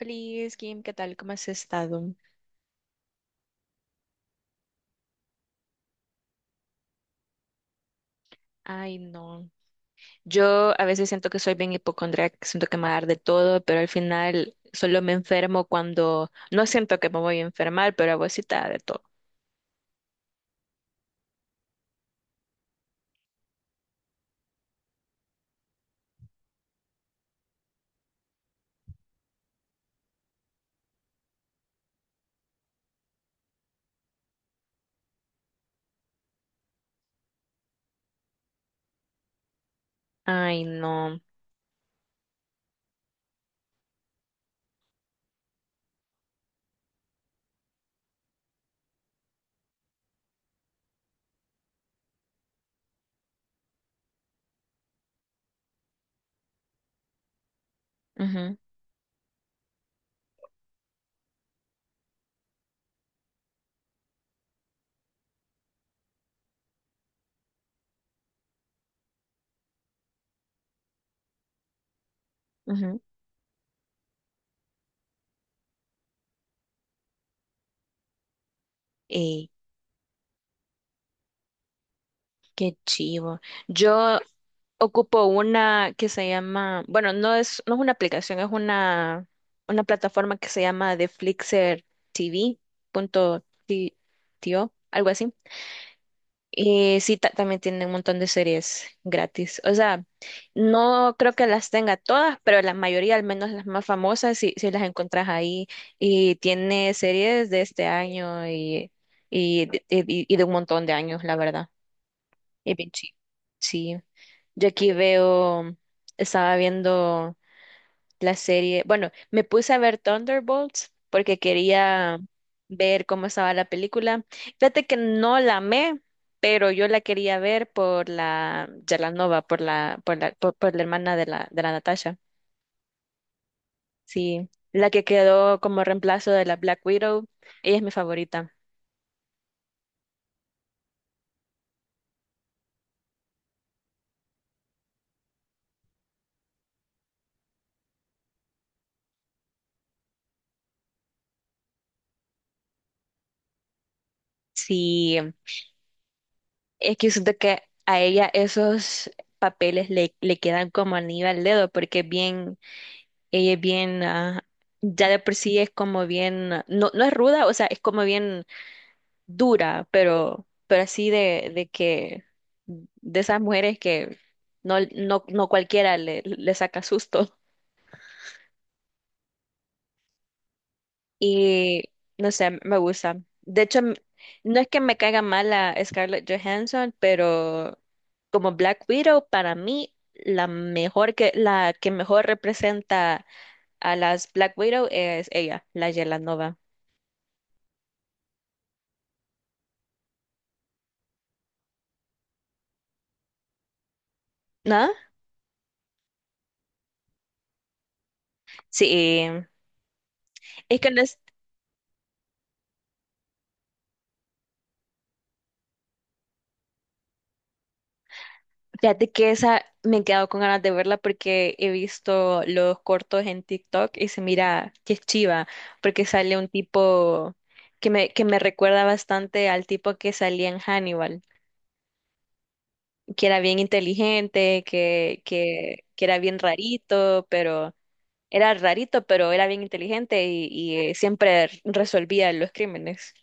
Hola, Kim, ¿qué tal? ¿Cómo has estado? Ay, no. Yo a veces siento que soy bien hipocondríaca, que siento que me va a dar de todo, pero al final solo me enfermo cuando no siento que me voy a enfermar, pero a vos sí te da de todo. Ay, no. Ujú, ujú. Ey, qué chivo. Yo ocupo una que se llama, bueno, no es una aplicación, es una plataforma que se llama The Flixer TV punto tio, algo así. Y sí, también tiene un montón de series gratis. O sea, no creo que las tenga todas, pero la mayoría, al menos las más famosas, sí, sí las encontrás ahí. Y tiene series de este año y de un montón de años, la verdad. Y bien chi- Sí. Yo aquí veo, Estaba viendo la serie. Bueno, me puse a ver Thunderbolts porque quería ver cómo estaba la película. Fíjate que no la amé, pero yo la quería ver por la Yalanova, por la hermana de la Natasha. Sí, la que quedó como reemplazo de la Black Widow. Ella es mi favorita. Sí, es que siento que a ella esos papeles le quedan como anillo al dedo porque es bien ella es bien, ya de por sí es como bien, no, no es ruda, o sea, es como bien dura, pero así de esas mujeres que no, no, no cualquiera le saca susto. Y no sé, me gusta. De hecho, no es que me caiga mal la Scarlett Johansson, pero como Black Widow, para mí, la que mejor representa a las Black Widow es ella, la Yelanova. Sí, es que no es- fíjate que esa me he quedado con ganas de verla porque he visto los cortos en TikTok y se mira que es chiva, porque sale un tipo que me recuerda bastante al tipo que salía en Hannibal, que era bien inteligente, que era bien rarito, pero era bien inteligente siempre resolvía los crímenes.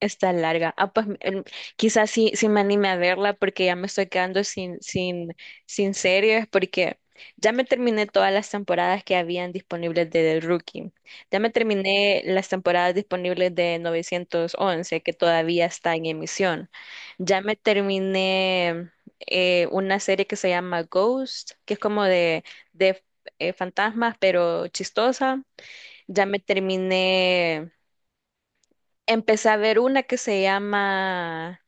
Está larga. Ah, pues quizás sí me anime a verla porque ya me estoy quedando sin series porque ya me terminé todas las temporadas que habían disponibles de The Rookie. Ya me terminé las temporadas disponibles de 911 que todavía está en emisión. Ya me terminé una serie que se llama Ghost, que es como de fantasmas pero chistosa. Ya me terminé Empecé a ver una que se llama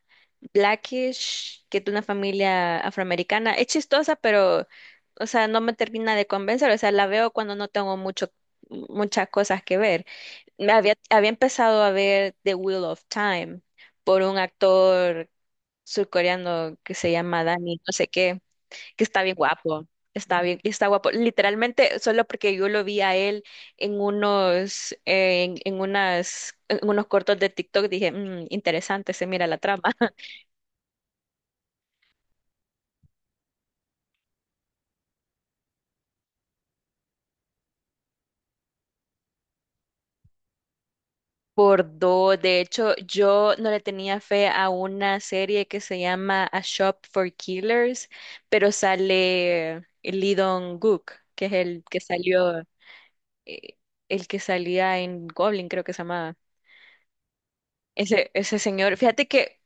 Blackish, que es de una familia afroamericana. Es chistosa, pero, o sea, no me termina de convencer. O sea, la veo cuando no tengo muchas cosas que ver. Me había empezado a ver The Wheel of Time por un actor surcoreano que se llama Danny, no sé qué que está bien guapo, está bien, está guapo. Literalmente, solo porque yo lo vi a él en unos, en unas, en unos cortos de TikTok, dije, "Mm, interesante, se mira la trama. Por dos, de hecho, yo no le tenía fe a una serie que se llama A Shop for Killers, pero sale Lee Dong-gook, que es eh, el que salía en Goblin, creo que se llamaba. Ese señor, fíjate que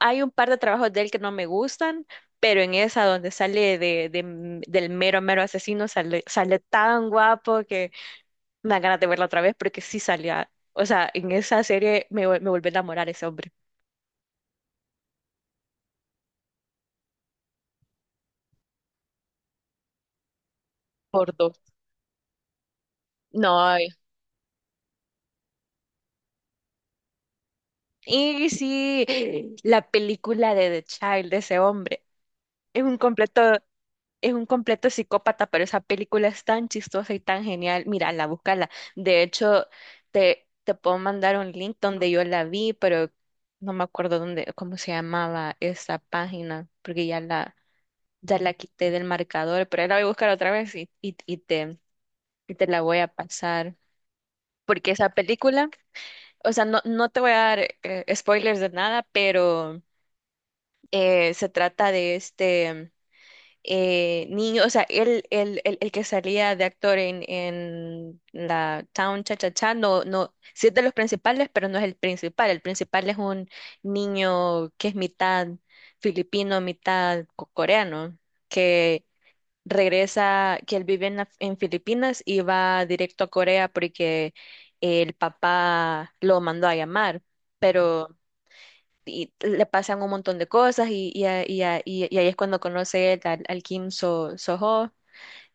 hay un par de trabajos de él que no me gustan, pero en esa donde sale del mero, mero asesino, sale tan guapo que me da ganas de verla otra vez porque sí salía. O sea, en esa serie me volví a enamorar ese hombre. Por dos. No. Y sí, la película de The Child de ese hombre es un completo. Es un completo psicópata, pero esa película es tan chistosa y tan genial. Mírala, búscala. De hecho, te puedo mandar un link donde yo la vi, pero no me acuerdo cómo se llamaba esa página, porque ya la quité del marcador, pero ahí la voy a buscar otra vez y te la voy a pasar. Porque esa película, o sea, no, no te voy a dar spoilers de nada, pero se trata de este. Niño, o sea, el que salía de actor en la Town Cha Cha Cha, no, no, sí es de los principales, pero no es el principal. El principal es un niño que es mitad filipino, mitad coreano, que que él vive en Filipinas y va directo a Corea porque el papá lo mandó a llamar. Ujú. Pero y, le pasan un montón de cosas y ahí es cuando conoce él al, al Kim Soho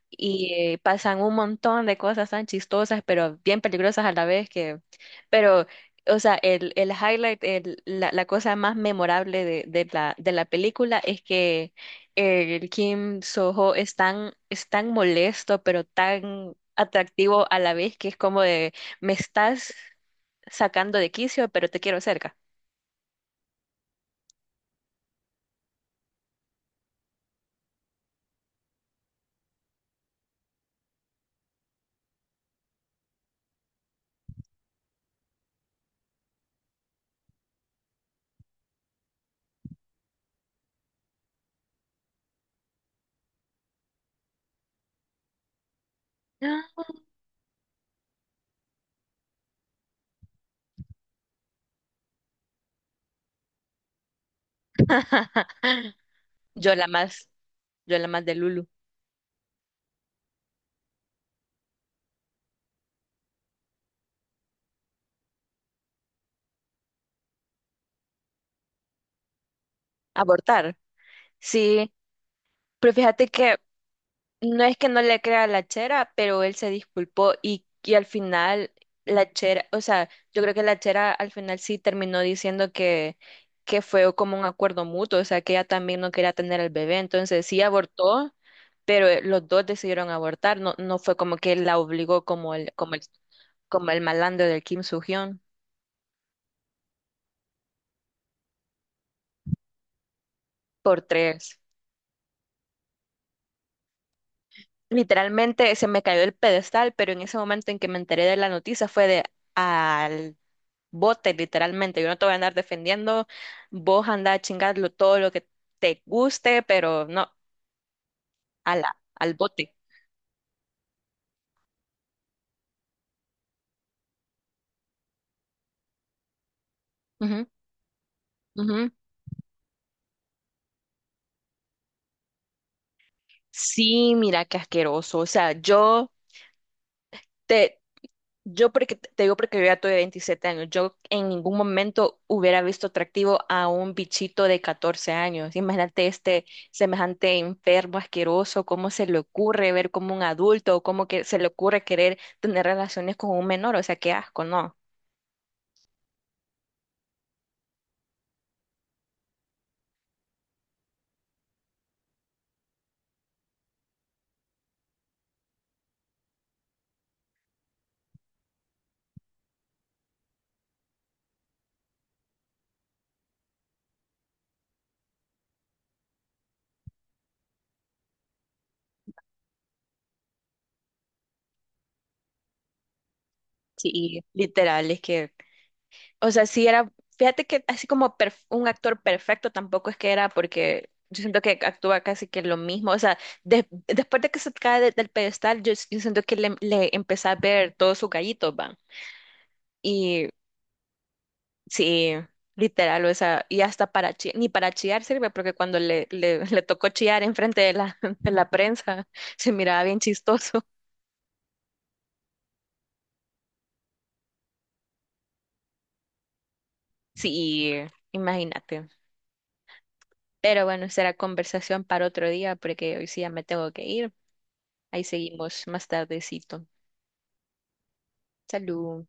y pasan un montón de cosas tan chistosas pero bien peligrosas a la vez que pero o sea el highlight la cosa más memorable de la película es que el Kim Soho es tan molesto pero tan atractivo a la vez que es como de me estás sacando de quicio pero te quiero cerca Yo la más, yo la más de Lulu. Abortar. Sí, pero fíjate que no es que no le crea a la chera, pero él se disculpó y al final la chera, o sea, yo creo que la chera al final sí terminó diciendo que fue como un acuerdo mutuo, o sea, que ella también no quería tener al bebé, entonces sí abortó, pero los dos decidieron abortar, no, no fue como que él la obligó como el, como el, como el malandro del Kim Soo-hyun por tres. Literalmente se me cayó el pedestal, pero en ese momento en que me enteré de la noticia fue de al bote, literalmente. Yo no te voy a andar defendiendo, vos andá a chingarlo todo lo que te guste, pero no, a la, al bote. Ujú, ujú. Sí, mira qué asqueroso. O sea, te, yo porque te digo porque yo ya tuve 27 años, yo en ningún momento hubiera visto atractivo a un bichito de 14 años. Imagínate este semejante enfermo, asqueroso, cómo se le ocurre ver como un adulto, o cómo que se le ocurre querer tener relaciones con un menor, o sea, qué asco, ¿no? Sí. Literal, es que o sea, fíjate que así como un actor perfecto tampoco es que era porque yo siento que actúa casi que lo mismo. O sea, después de que se cae del pedestal, yo siento que le empecé a ver todos sus gallitos, van. Y sí, literal, o sea, y hasta para ni para chillar sirve, porque cuando le tocó chillar enfrente de la, de la prensa, se miraba bien chistoso. Sí, imagínate. Pero bueno, será conversación para otro día, porque hoy sí ya me tengo que ir. Ahí seguimos más tardecito. Salud.